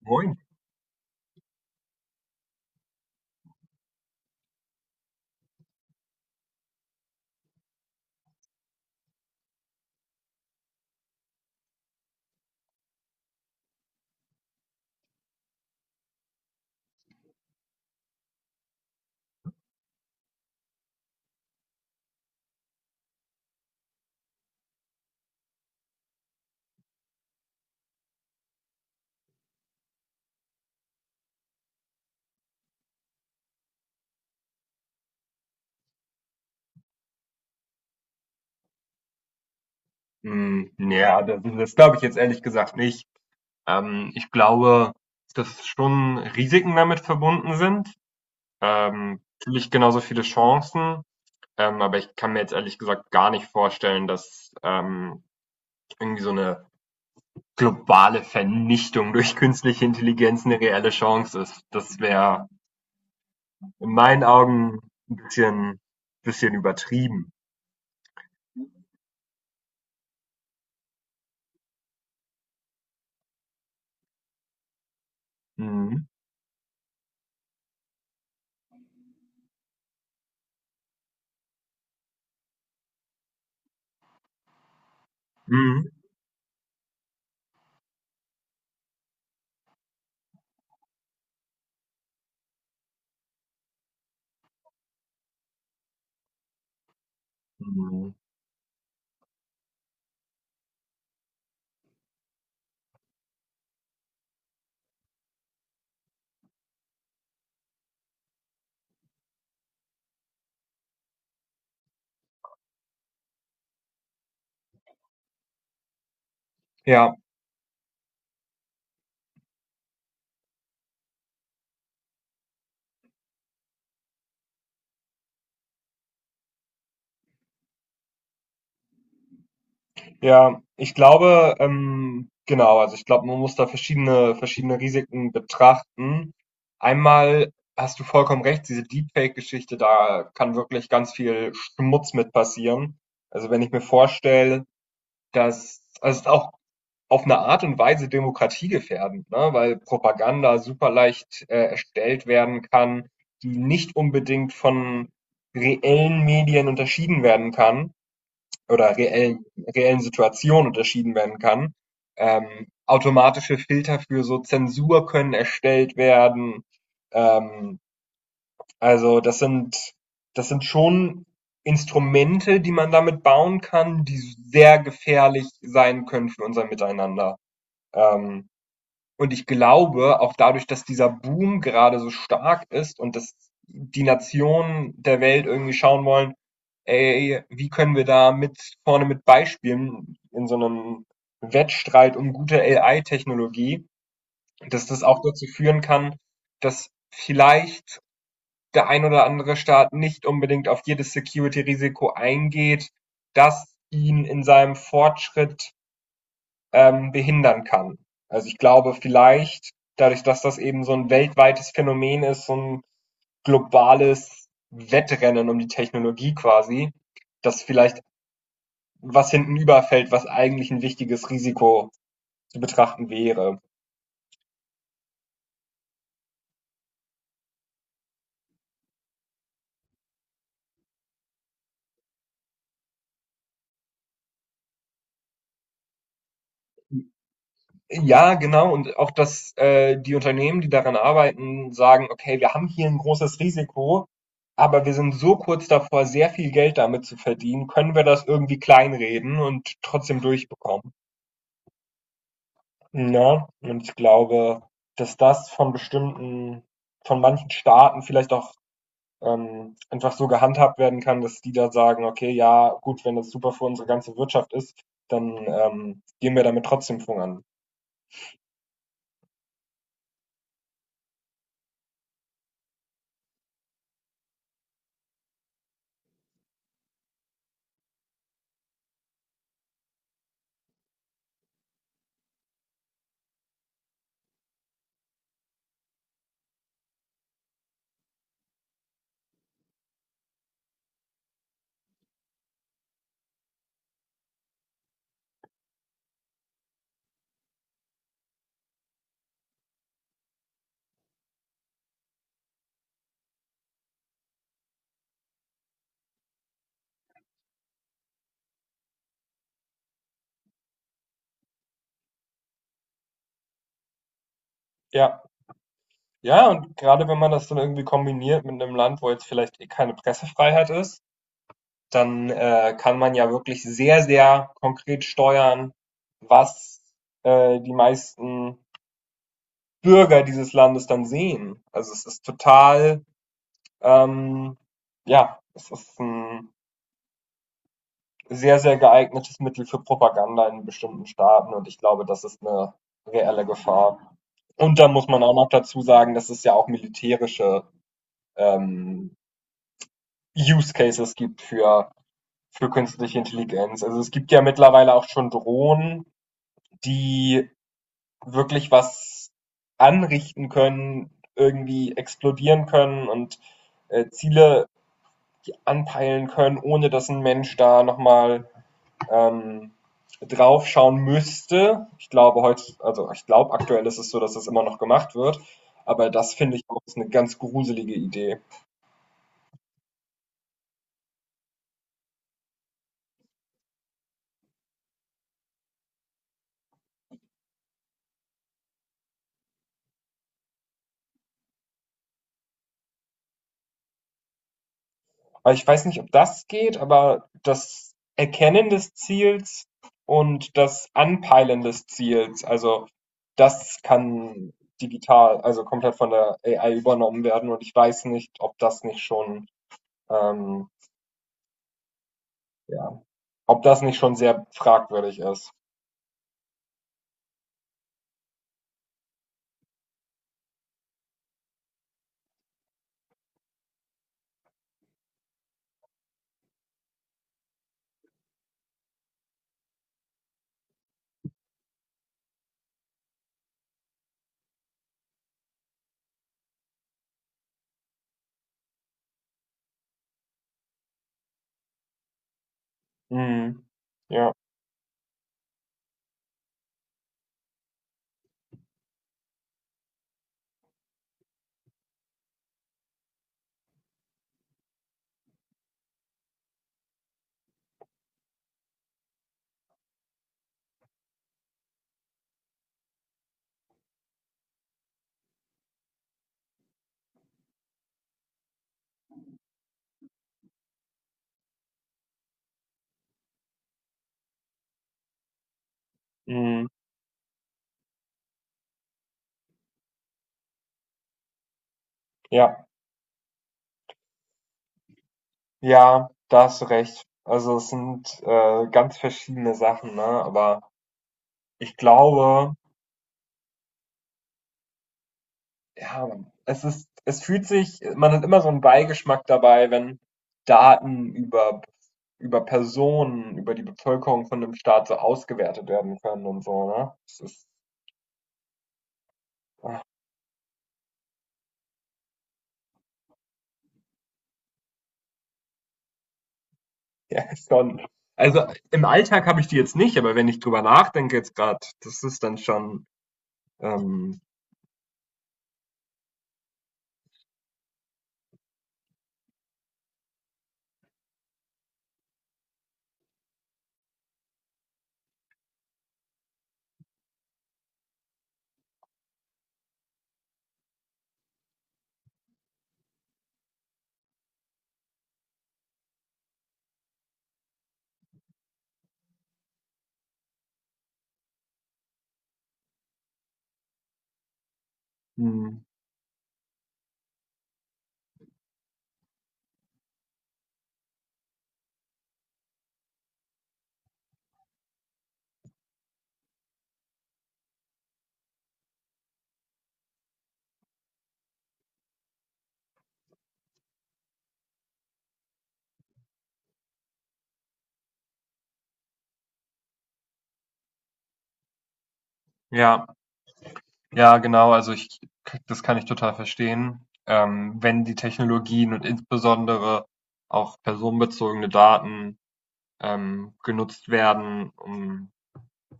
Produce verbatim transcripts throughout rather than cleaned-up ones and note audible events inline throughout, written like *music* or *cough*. Moin. Hm, ja, das das glaube ich jetzt ehrlich gesagt nicht. Ähm, ich glaube, dass schon Risiken damit verbunden sind. Ähm, natürlich genauso viele Chancen. Ähm, aber ich kann mir jetzt ehrlich gesagt gar nicht vorstellen, dass ähm, irgendwie so eine globale Vernichtung durch künstliche Intelligenz eine reelle Chance ist. Das wäre in meinen Augen ein bisschen, bisschen übertrieben. Mhm. Mhm. Mhm. Ja. Ja, ich glaube, ähm, genau, also ich glaube, man muss da verschiedene verschiedene Risiken betrachten. Einmal hast du vollkommen recht, diese Deepfake-Geschichte, da kann wirklich ganz viel Schmutz mit passieren. Also wenn ich mir vorstelle, dass, also es ist auch auf eine Art und Weise demokratiegefährdend, ne? Weil Propaganda super leicht äh, erstellt werden kann, die nicht unbedingt von reellen Medien unterschieden werden kann oder reellen, reellen Situation unterschieden werden kann. Ähm, automatische Filter für so Zensur können erstellt werden. Ähm, also das sind, das sind schon Instrumente, die man damit bauen kann, die sehr gefährlich sein können für unser Miteinander. Ähm, und ich glaube, auch dadurch, dass dieser Boom gerade so stark ist und dass die Nationen der Welt irgendwie schauen wollen, ey, wie können wir da mit vorne mit beispielen in so einem Wettstreit um gute A I-Technologie, dass das auch dazu führen kann, dass vielleicht der ein oder andere Staat nicht unbedingt auf jedes Security-Risiko eingeht, das ihn in seinem Fortschritt ähm, behindern kann. Also ich glaube vielleicht, dadurch, dass das eben so ein weltweites Phänomen ist, so ein globales Wettrennen um die Technologie quasi, dass vielleicht was hinten überfällt, was eigentlich ein wichtiges Risiko zu betrachten wäre. Ja, genau. Und auch, dass äh, die Unternehmen, die daran arbeiten, sagen, okay, wir haben hier ein großes Risiko, aber wir sind so kurz davor, sehr viel Geld damit zu verdienen, können wir das irgendwie kleinreden und trotzdem durchbekommen. Ne? Und ich glaube, dass das von bestimmten von manchen Staaten vielleicht auch, ähm, einfach so gehandhabt werden kann, dass die da sagen: „Okay, ja, gut, wenn das super für unsere ganze Wirtschaft ist, dann, ähm, gehen wir damit trotzdem voran.“ Ja, ja, und gerade wenn man das dann irgendwie kombiniert mit einem Land, wo jetzt vielleicht eh keine Pressefreiheit ist, dann, äh, kann man ja wirklich sehr, sehr konkret steuern, was, äh, die meisten Bürger dieses Landes dann sehen. Also es ist total, ähm, ja, es ist ein sehr, sehr geeignetes Mittel für Propaganda in bestimmten Staaten und ich glaube, das ist eine reelle Gefahr. Und da muss man auch noch dazu sagen, dass es ja auch militärische ähm, Use Cases gibt für, für künstliche Intelligenz. Also es gibt ja mittlerweile auch schon Drohnen, die wirklich was anrichten können, irgendwie explodieren können und äh, Ziele anpeilen können, ohne dass ein Mensch da nochmal ähm, drauf schauen müsste. Ich glaube heute, also ich glaube aktuell ist es so, dass das immer noch gemacht wird, aber das finde ich auch ist eine ganz gruselige Idee. Aber ich weiß nicht, ob das geht, aber das Erkennen des Ziels und das Anpeilen des Ziels, also das kann digital, also komplett von der A I übernommen werden. Und ich weiß nicht, ob das nicht schon, ähm, ja, ob das nicht schon sehr fragwürdig ist. Mhm. Ja, mhm. Ja, ja, da hast du recht. Also es sind äh, ganz verschiedene Sachen, ne? Aber ich glaube, ja, es ist es fühlt sich, man hat immer so einen Beigeschmack dabei, wenn Daten über über Personen, über die Bevölkerung von einem Staat so ausgewertet werden können und so, ne? Das ist ah, *laughs* ja, ist schon. Also, im Alltag habe ich die jetzt nicht, aber wenn ich drüber nachdenke jetzt gerade, das ist dann schon, ähm, mhm, ja, ja, genau. Also, ich das kann ich total verstehen. Ähm, wenn die Technologien und insbesondere auch personenbezogene Daten ähm, genutzt werden, um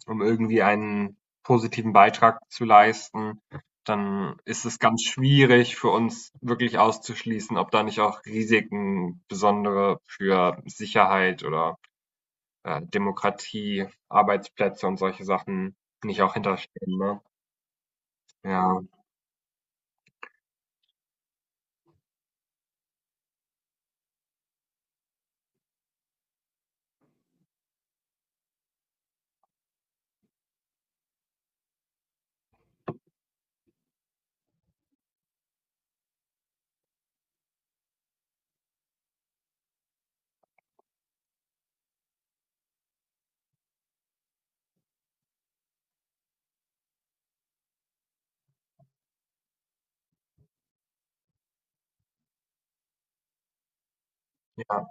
um irgendwie einen positiven Beitrag zu leisten, dann ist es ganz schwierig für uns wirklich auszuschließen, ob da nicht auch Risiken, besondere für Sicherheit oder äh, Demokratie, Arbeitsplätze und solche Sachen nicht auch hinterstehen, ne? Ja, ja,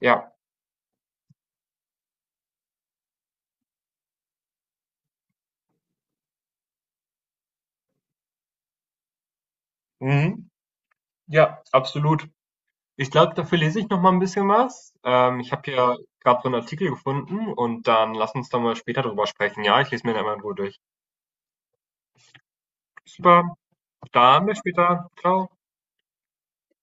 ja. Mhm. Ja, absolut. Ich glaube, dafür lese ich noch mal ein bisschen was. Ähm, ich habe hier gerade so einen Artikel gefunden und dann lass uns da mal später drüber sprechen, ja? Ich lese mir den einmal in Ruhe durch. Super, dann bis später. Ciao.